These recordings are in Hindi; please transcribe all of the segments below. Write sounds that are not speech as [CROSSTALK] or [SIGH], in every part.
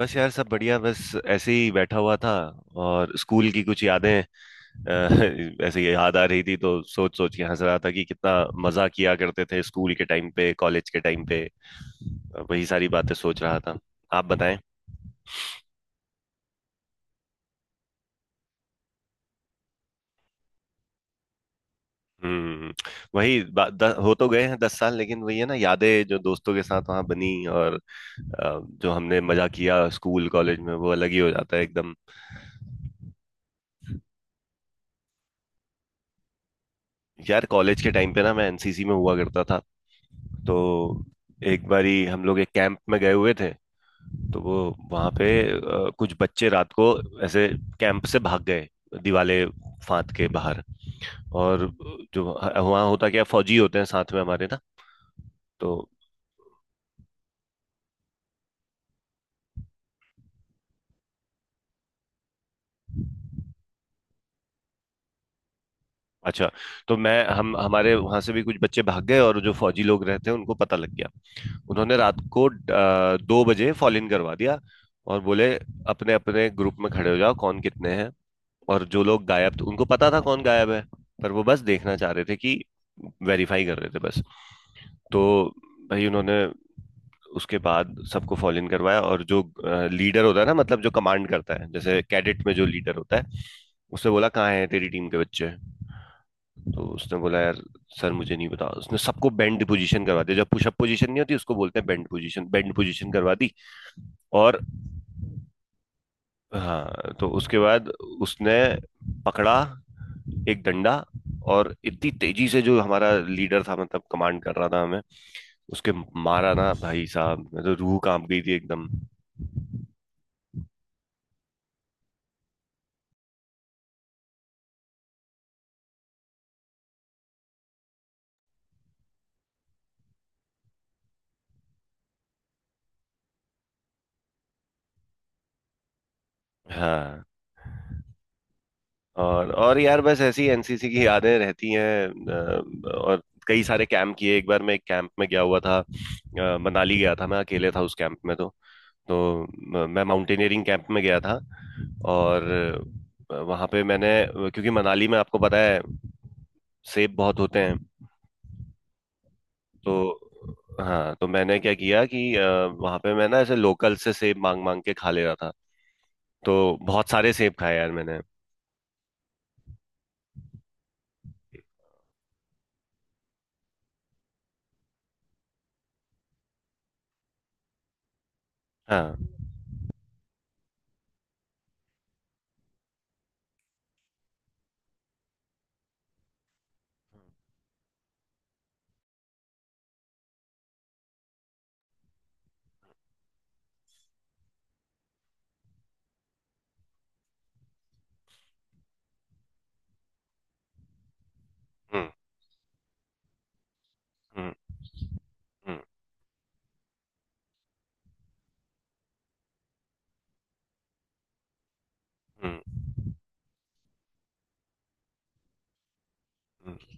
बस यार सब बढ़िया। बस ऐसे ही बैठा हुआ था। और स्कूल की कुछ यादें [LAUGHS] ऐसे ही याद आ रही थी, तो सोच सोच के हंस रहा था कि कितना मजा किया करते थे स्कूल के टाइम पे, कॉलेज के टाइम पे। वही सारी बातें सोच रहा था। आप बताएं। हम्म। हो तो गए हैं 10 साल, लेकिन वही है ना, यादें जो दोस्तों के साथ वहां बनी, और जो हमने मजा किया स्कूल कॉलेज में वो अलग ही हो जाता है एकदम। यार कॉलेज के टाइम पे ना मैं एनसीसी में हुआ करता था। तो एक बारी हम लोग एक कैंप में गए हुए थे। तो वो वहां पे कुछ बच्चे रात को ऐसे कैंप से भाग गए, दिवाले फांद के बाहर। और जो वहां होता, क्या फौजी होते हैं साथ में हमारे ना। तो अच्छा। तो मैं हम हमारे वहां से भी कुछ बच्चे भाग गए और जो फौजी लोग रहते हैं उनको पता लग गया। उन्होंने रात को 2 बजे फॉल इन करवा दिया। और बोले अपने अपने ग्रुप में खड़े हो जाओ, कौन कितने हैं। और जो लोग गायब थे उनको पता था कौन गायब है, पर वो बस देखना चाह रहे थे कि, वेरीफाई कर रहे थे बस। तो भाई उन्होंने उसके बाद सबको फॉलो इन करवाया। और जो लीडर होता है ना, मतलब जो कमांड करता है, जैसे कैडेट में जो लीडर होता है उसने बोला कहाँ है तेरी टीम के बच्चे। तो उसने बोला यार सर मुझे नहीं पता। उसने सबको बेंड पोजीशन करवा दिया, जब पुशअप पोजीशन नहीं होती उसको बोलते हैं बेंड पोजीशन, बेंड पोजीशन करवा दी। और हाँ। तो उसके बाद उसने पकड़ा एक डंडा, और इतनी तेजी से जो हमारा लीडर था, मतलब कमांड कर रहा था हमें, उसके मारा ना भाई साहब, मैं तो रूह कांप गई थी एकदम। हाँ। और यार बस ऐसी एनसीसी की यादें रहती हैं। और कई सारे कैंप किए। एक बार मैं एक कैंप में गया हुआ था, मनाली गया था, मैं अकेले था उस कैंप में। तो मैं माउंटेनियरिंग कैंप में गया था। और वहाँ पे मैंने, क्योंकि मनाली में आपको पता है सेब बहुत होते हैं। तो हाँ। तो मैंने क्या किया कि वहाँ पे मैं ना ऐसे लोकल से सेब मांग मांग के खा ले रहा था। तो बहुत सारे सेब खाए यार मैंने। हाँ। हम्म। हम्म। हम्म। हम्म। हम्म।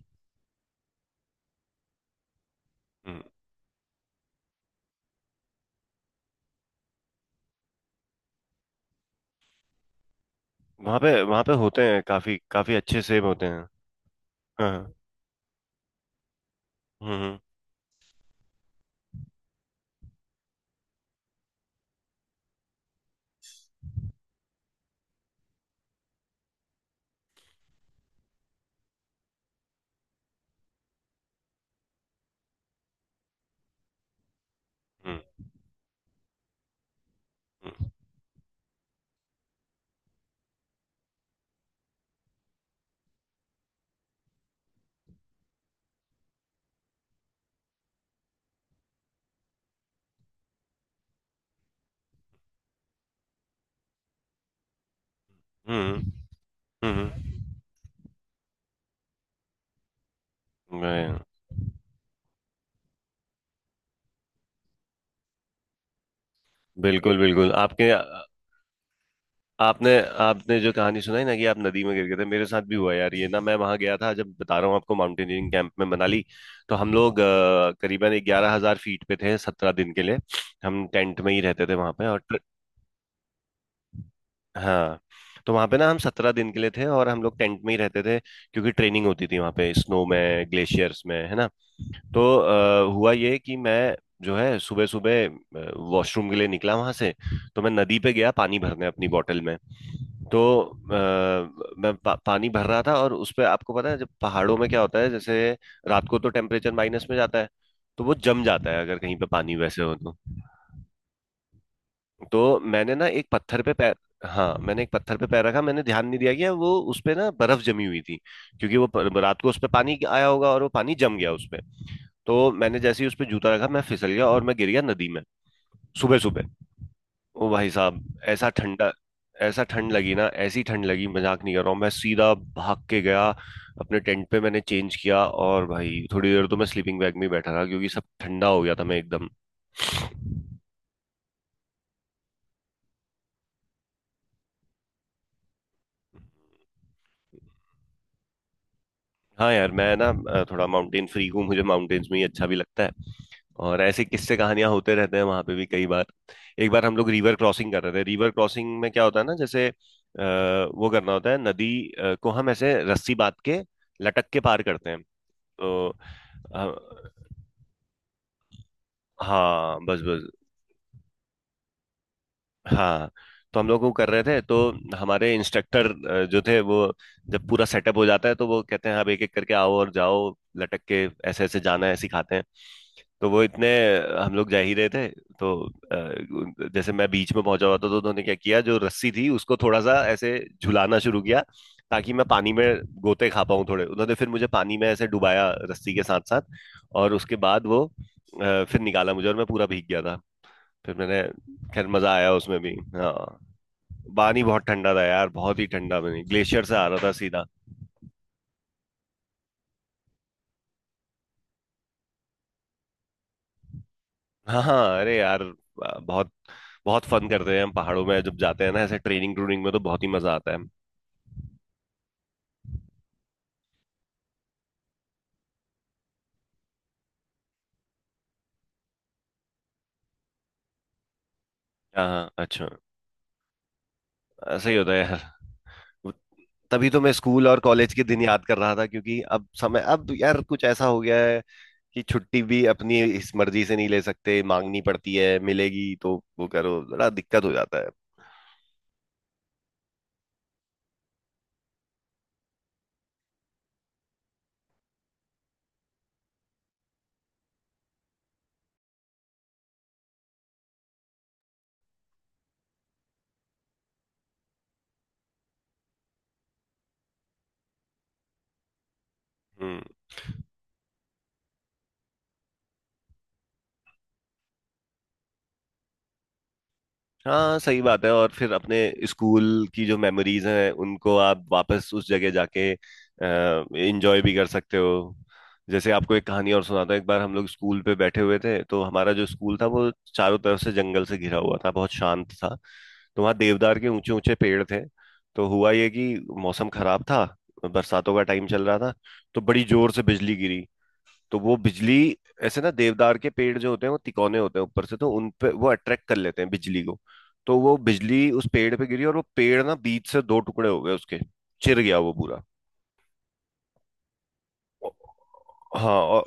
हम्म। वहाँ पे होते हैं काफी काफी अच्छे सेब होते हैं। हाँ। हम्म। हम्म। हम्म। हम्म। हम्म। मैं-। बिल्कुल बिल्कुल आपके। आपने आपने जो कहानी सुनाई ना कि आप नदी में गिर गए थे, मेरे साथ भी हुआ यार ये। ना मैं वहां गया था, जब बता रहा हूँ आपको माउंटेनियरिंग कैंप में मनाली। तो हम लोग करीबन 11,000 फीट पे थे 17 दिन के लिए। हम टेंट में ही रहते थे वहां पे और हाँ। तो वहां पे ना हम 17 दिन के लिए थे और हम लोग टेंट में ही रहते थे। क्योंकि ट्रेनिंग होती थी वहां पे स्नो में, ग्लेशियर्स में, है ना। तो हुआ ये कि मैं जो है सुबह सुबह वॉशरूम के लिए निकला वहां से। तो मैं नदी पे गया पानी भरने अपनी बोतल में। तो अ, पानी भर रहा था। और उस पे आपको पता है जब पहाड़ों में क्या होता है, जैसे रात को तो टेम्परेचर माइनस में जाता है। तो वो जम जाता है अगर कहीं पे पानी वैसे हो तो। तो मैंने ना एक पत्थर पे पैर, हाँ मैंने एक पत्थर पे पैर रखा, मैंने ध्यान नहीं दिया कि वो उस पे ना बर्फ जमी हुई थी। क्योंकि वो रात को उस पे पानी आया होगा और वो पानी जम गया उस पे। तो मैंने जैसे ही उस पर जूता रखा मैं फिसल गया और मैं गिर गया नदी में, सुबह सुबह। ओ भाई साहब, ऐसा ठंडा, ऐसा ठंड लगी ना, ऐसी ठंड लगी, मजाक नहीं कर रहा हूँ। मैं सीधा भाग के गया अपने टेंट पे, मैंने चेंज किया। और भाई थोड़ी देर तो मैं स्लीपिंग बैग में ही बैठा रहा, क्योंकि सब ठंडा हो गया था मैं एकदम। हाँ यार मैं ना थोड़ा माउंटेन फ्रीक हूँ, मुझे माउंटेन्स में ही अच्छा भी लगता है। और ऐसे किस्से कहानियां होते रहते हैं वहां पे भी कई बार। एक बार हम लोग रिवर क्रॉसिंग कर रहे थे, रिवर क्रॉसिंग में क्या होता है ना, जैसे वो करना होता है, नदी को हम ऐसे रस्सी बांध के लटक के पार करते हैं। तो अ, हाँ बस बस। हाँ तो हम लोग वो कर रहे थे। तो हमारे इंस्ट्रक्टर जो थे वो, जब पूरा सेटअप हो जाता है तो वो कहते हैं अब एक एक करके आओ और जाओ लटक के, ऐसे ऐसे जाना है, सिखाते हैं। तो वो इतने हम लोग जा ही रहे थे। तो जैसे मैं बीच में पहुंचा हुआ था तो उन्होंने क्या किया, जो रस्सी थी उसको थोड़ा सा ऐसे झुलाना शुरू किया, ताकि मैं पानी में गोते खा पाऊं थोड़े। उन्होंने फिर मुझे पानी में ऐसे डुबाया रस्सी के साथ साथ। और उसके बाद वो फिर निकाला मुझे और मैं पूरा भीग गया। फिर मैंने, खैर मजा आया उसमें भी। हाँ पानी बहुत ठंडा था यार, बहुत ही ठंडा पानी ग्लेशियर से आ रहा था सीधा। हाँ हाँ अरे यार बहुत बहुत फन करते हैं हम पहाड़ों में जब जाते हैं ना, ऐसे ट्रेनिंग ट्रूनिंग में तो बहुत ही मजा आता है। हाँ हाँ अच्छा। ऐसा ही होता है यार। वो- तभी तो मैं स्कूल और कॉलेज के दिन याद कर रहा था, क्योंकि अब समय, अब यार कुछ ऐसा हो गया है कि छुट्टी भी अपनी इस मर्जी से नहीं ले सकते, मांगनी पड़ती है, मिलेगी तो वो करो, बड़ा दिक्कत हो जाता है। हम्म। हाँ सही बात है। और फिर अपने स्कूल की जो मेमोरीज हैं उनको आप वापस उस जगह जाके एंजॉय भी कर सकते हो। जैसे आपको एक कहानी और सुनाता हूँ। एक बार हम लोग स्कूल पे बैठे हुए थे, तो हमारा जो स्कूल था वो चारों तरफ से जंगल से घिरा हुआ था, बहुत शांत था। तो वहाँ देवदार के ऊंचे ऊंचे पेड़ थे। तो हुआ ये कि मौसम खराब था, बरसातों का टाइम चल रहा था। तो बड़ी जोर से बिजली गिरी। तो वो बिजली, ऐसे ना देवदार के पेड़ जो होते हैं वो तिकोने होते हैं ऊपर से, तो उन पे वो अट्रैक्ट कर लेते हैं बिजली को। तो वो बिजली उस पेड़ पे गिरी और वो पेड़ ना बीच से दो टुकड़े हो गए उसके, चिर गया वो पूरा। हाँ और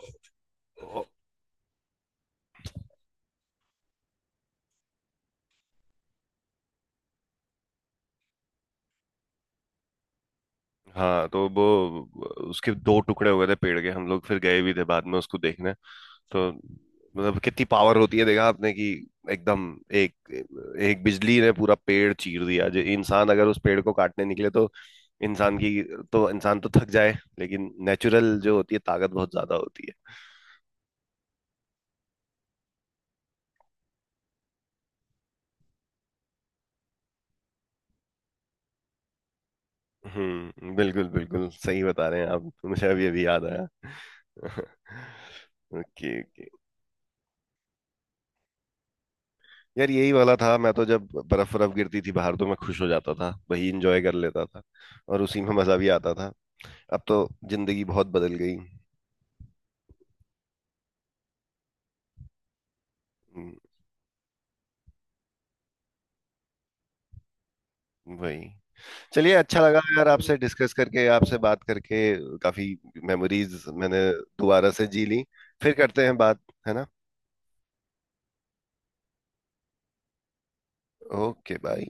हाँ। तो वो उसके दो टुकड़े हो गए थे पेड़ के, हम लोग फिर गए भी थे बाद में उसको देखने। तो मतलब कितनी पावर होती है, देखा आपने कि एकदम एक, एक बिजली ने पूरा पेड़ चीर दिया। जो इंसान अगर उस पेड़ को काटने निकले तो इंसान की, तो इंसान तो थक जाए, लेकिन नेचुरल जो होती है ताकत बहुत ज्यादा होती है। बिल्कुल बिल्कुल, सही बता रहे हैं आप, मुझे अभी अभी याद आया [LAUGHS] ओके ओके। यार यही वाला था, मैं तो जब बर्फ बर्फ गिरती थी बाहर तो मैं खुश हो जाता था, वही इंजॉय कर लेता था, और उसी में मजा भी आता था। अब तो जिंदगी बहुत बदल गई। हम्म। वही, चलिए अच्छा लगा यार आपसे डिस्कस करके, आपसे बात करके। काफी मेमोरीज मैंने दोबारा से जी ली। फिर करते हैं बात, है ना। Okay bye.